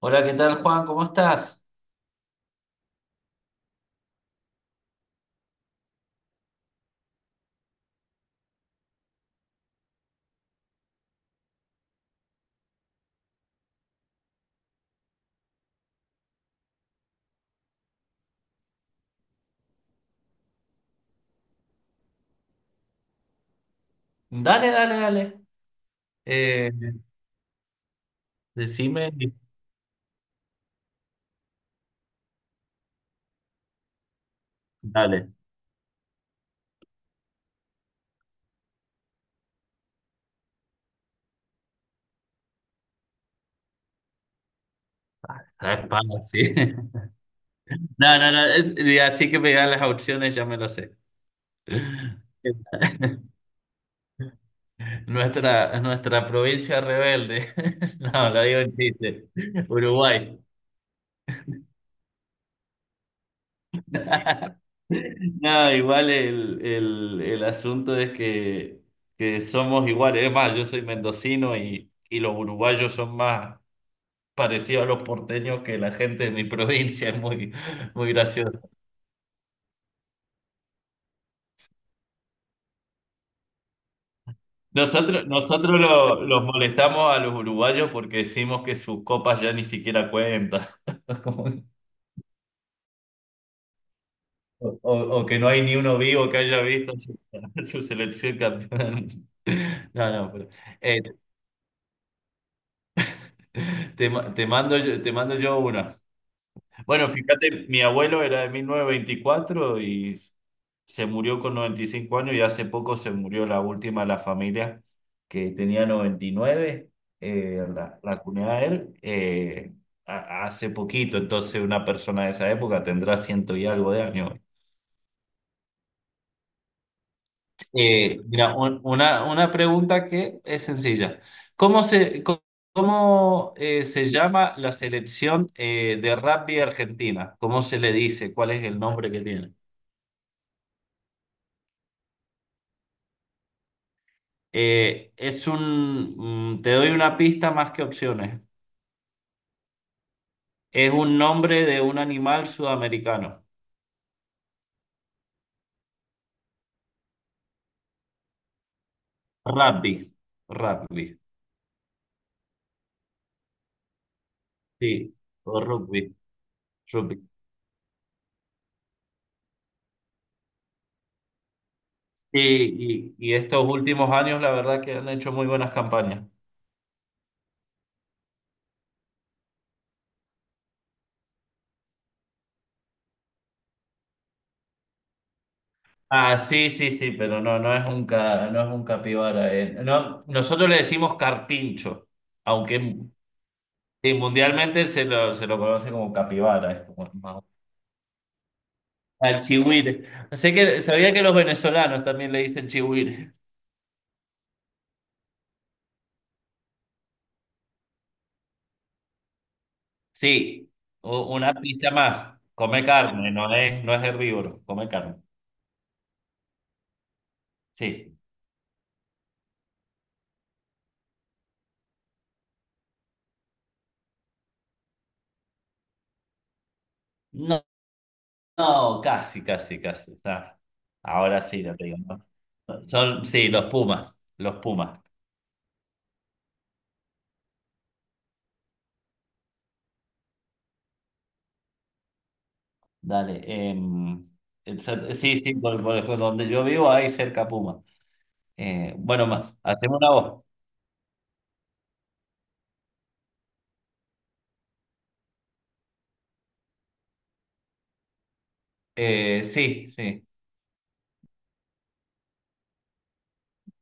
Hola, ¿qué tal, Juan? ¿Cómo estás? Dale, dale, dale. Eh, decime. Dale. Es pana, sí. No, no, no. Y así que me dan las opciones, ya me lo sé. Nuestra provincia rebelde. No, lo digo en chiste. Uruguay. No, igual el asunto es que somos iguales. Es más, yo soy mendocino y los uruguayos son más parecidos a los porteños que la gente de mi provincia. Es muy gracioso. Nosotros los molestamos a los uruguayos porque decimos que sus copas ya ni siquiera cuentan. Como- o, que no hay ni uno vivo que haya visto su su selección campeona del mundo. No, no, pero, eh, te mando yo una. Bueno, fíjate, mi abuelo era de 1924 y se murió con 95 años, y hace poco se murió la última de la familia que tenía 99, la cuñada de él, hace poquito. Entonces una persona de esa época tendrá ciento y algo de años. Mira, una pregunta que es sencilla. ¿Cómo se, co- ¿Cómo, se llama la selección de rugby argentina? ¿Cómo se le dice? ¿Cuál es el nombre que tiene? Es un, mm, te doy una pista más que opciones. Es un nombre de un animal sudamericano. Rugby. Rugby. Sí. O rugby. Rugby. Sí, y estos últimos años, la verdad que han hecho muy buenas campañas. Ah, sí, sí, sí, pero no, no es un capibara. No, nosotros le decimos carpincho, aunque sí, mundialmente se lo conoce como capibara, es como más. Al chihuire. Sé que sabía que los venezolanos también le dicen chihuire. Sí, u- una pista más. Come carne, no es herbívoro, come carne. Sí. No, no, casi, casi, casi. Está. Ahora sí, ya te digo. ¿No? Son, sí, los pumas, los pumas. Dale. Sí, sí, por ejemplo, donde yo vivo hay cerca puma. Bueno, más, hacemos una voz. Sí, sí.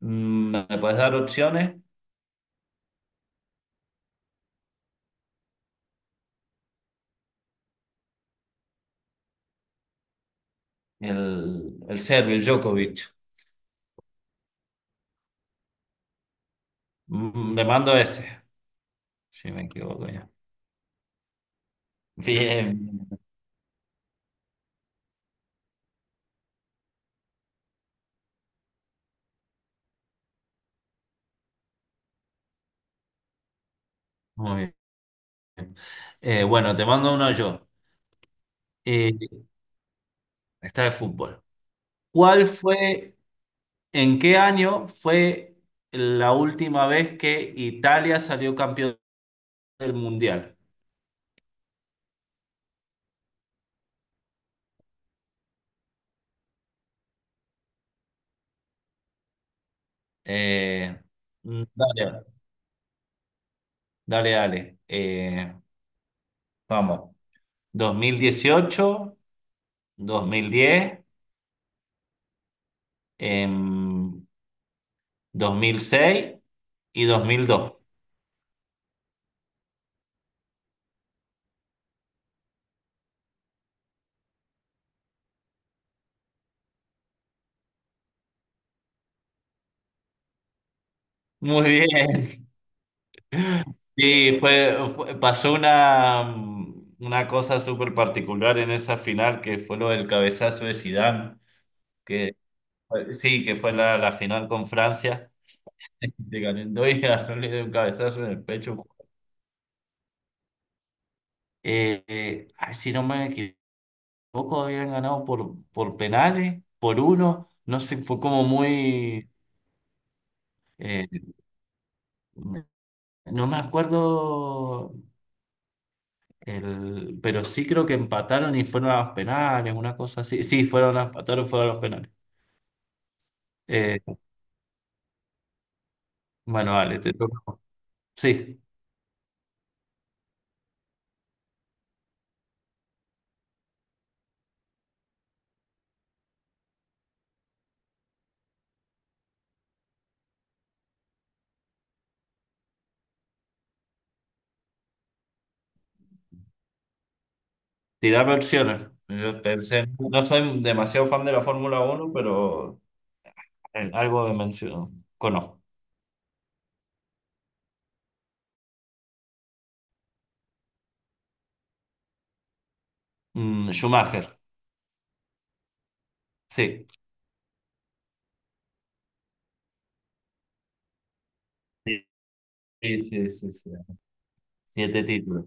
Mm, ¿me puedes dar opciones? El serbio, el Djokovic. Mm, le mando ese, si me equivoco ya. Bien, bien, muy bien. Bueno, te mando uno yo. Eh, esta de fútbol. ¿Cuál fue, ¿en qué año fue la última vez que Italia salió campeón del Mundial? Eh, Dale, dale, dale. Vamos. 2018, 2010, em, 2006 y 2002. Muy bien, sí, pasó una cosa súper particular en esa final que fue lo del cabezazo de Zidane, que sí, que fue la, la final con Francia. De ganando y ganó, le dio un cabezazo en el pecho. Ay, si no me equivoco, habían ganado por penales, por uno, no sé, fue como muy, eh, no me acuerdo. Pero sí creo que empataron y fueron a los penales, una cosa así. Sí, fueron a empataron, fueron a los penales. Eh, bueno, vale, te toca. Sí, tirarme opciones. Yo pensé, no soy demasiado fan de la Fórmula uno, pero algo de mención conozco. Mm, Schumacher, sí. Sí, sí, sí, sí, sí. Siete títulos.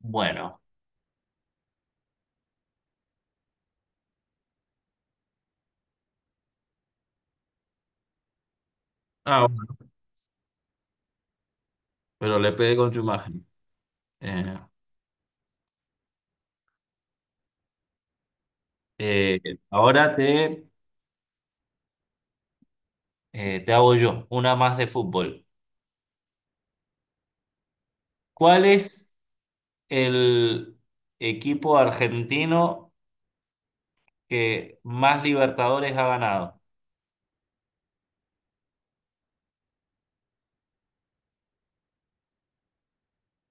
Bueno, ah, bueno, pero le pegué con Schumacher. Eh, eh, ahora te, te hago yo una más de fútbol. ¿Cuál es? ¿El equipo argentino que más Libertadores ha ganado?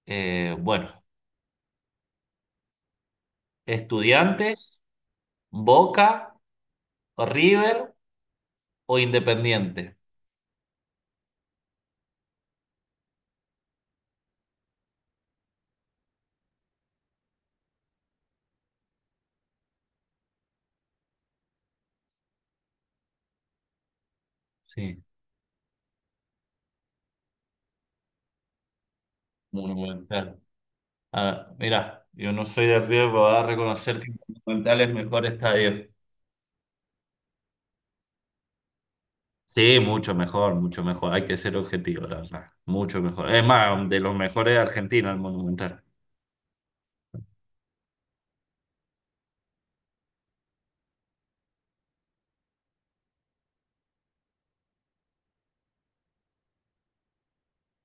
Bueno, ¿Estudiantes, Boca, River o Independiente? Sí, Monumental. Ah, mira, yo no soy de River, pero voy a reconocer que Monumental es mejor estadio. Sí, mucho mejor, mucho mejor. Hay que ser objetivo, la verdad. Mucho mejor. Es más, de los mejores de Argentina, el Monumental.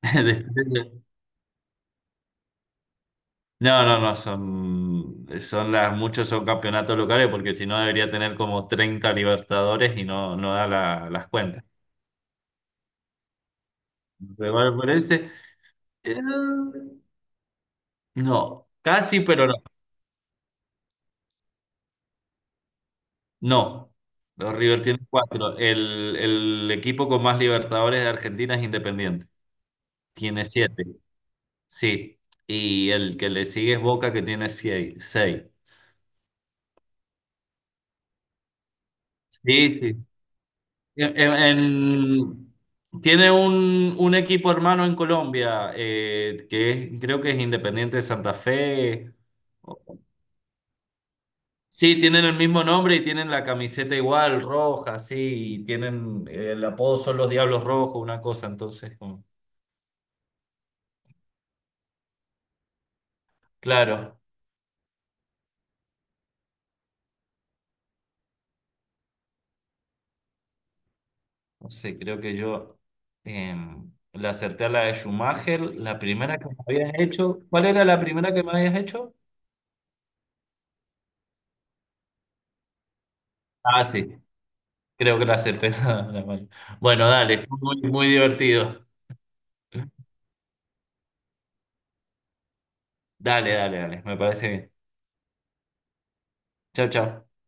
No, no, no, son, son las, muchos son campeonatos locales porque si no debería tener como 30 Libertadores y no, las cuentas. River por ese, eh, no, casi, pero no. No, los River tienen 4. El equipo con más Libertadores de Argentina es Independiente. Tiene 7, sí. Y el que le sigue es Boca, que tiene seis. Sí, sí. En- en- en- Tiene un equipo hermano en Colombia, creo que es Independiente de Santa Fe. Sí, tienen el mismo nombre y tienen la camiseta igual, roja, sí, y tienen el apodo son los Diablos Rojos, una cosa, entonces, como claro, no sé, creo que yo le acerté a la de Schumacher, la primera que me habías hecho, ¿cuál era la primera que me habías hecho? Ah, sí. Creo que la acerté. Mano. Bueno, dale, estuvo muy, muy divertido. Dale, dale, dale, me parece bien. Chao, chao.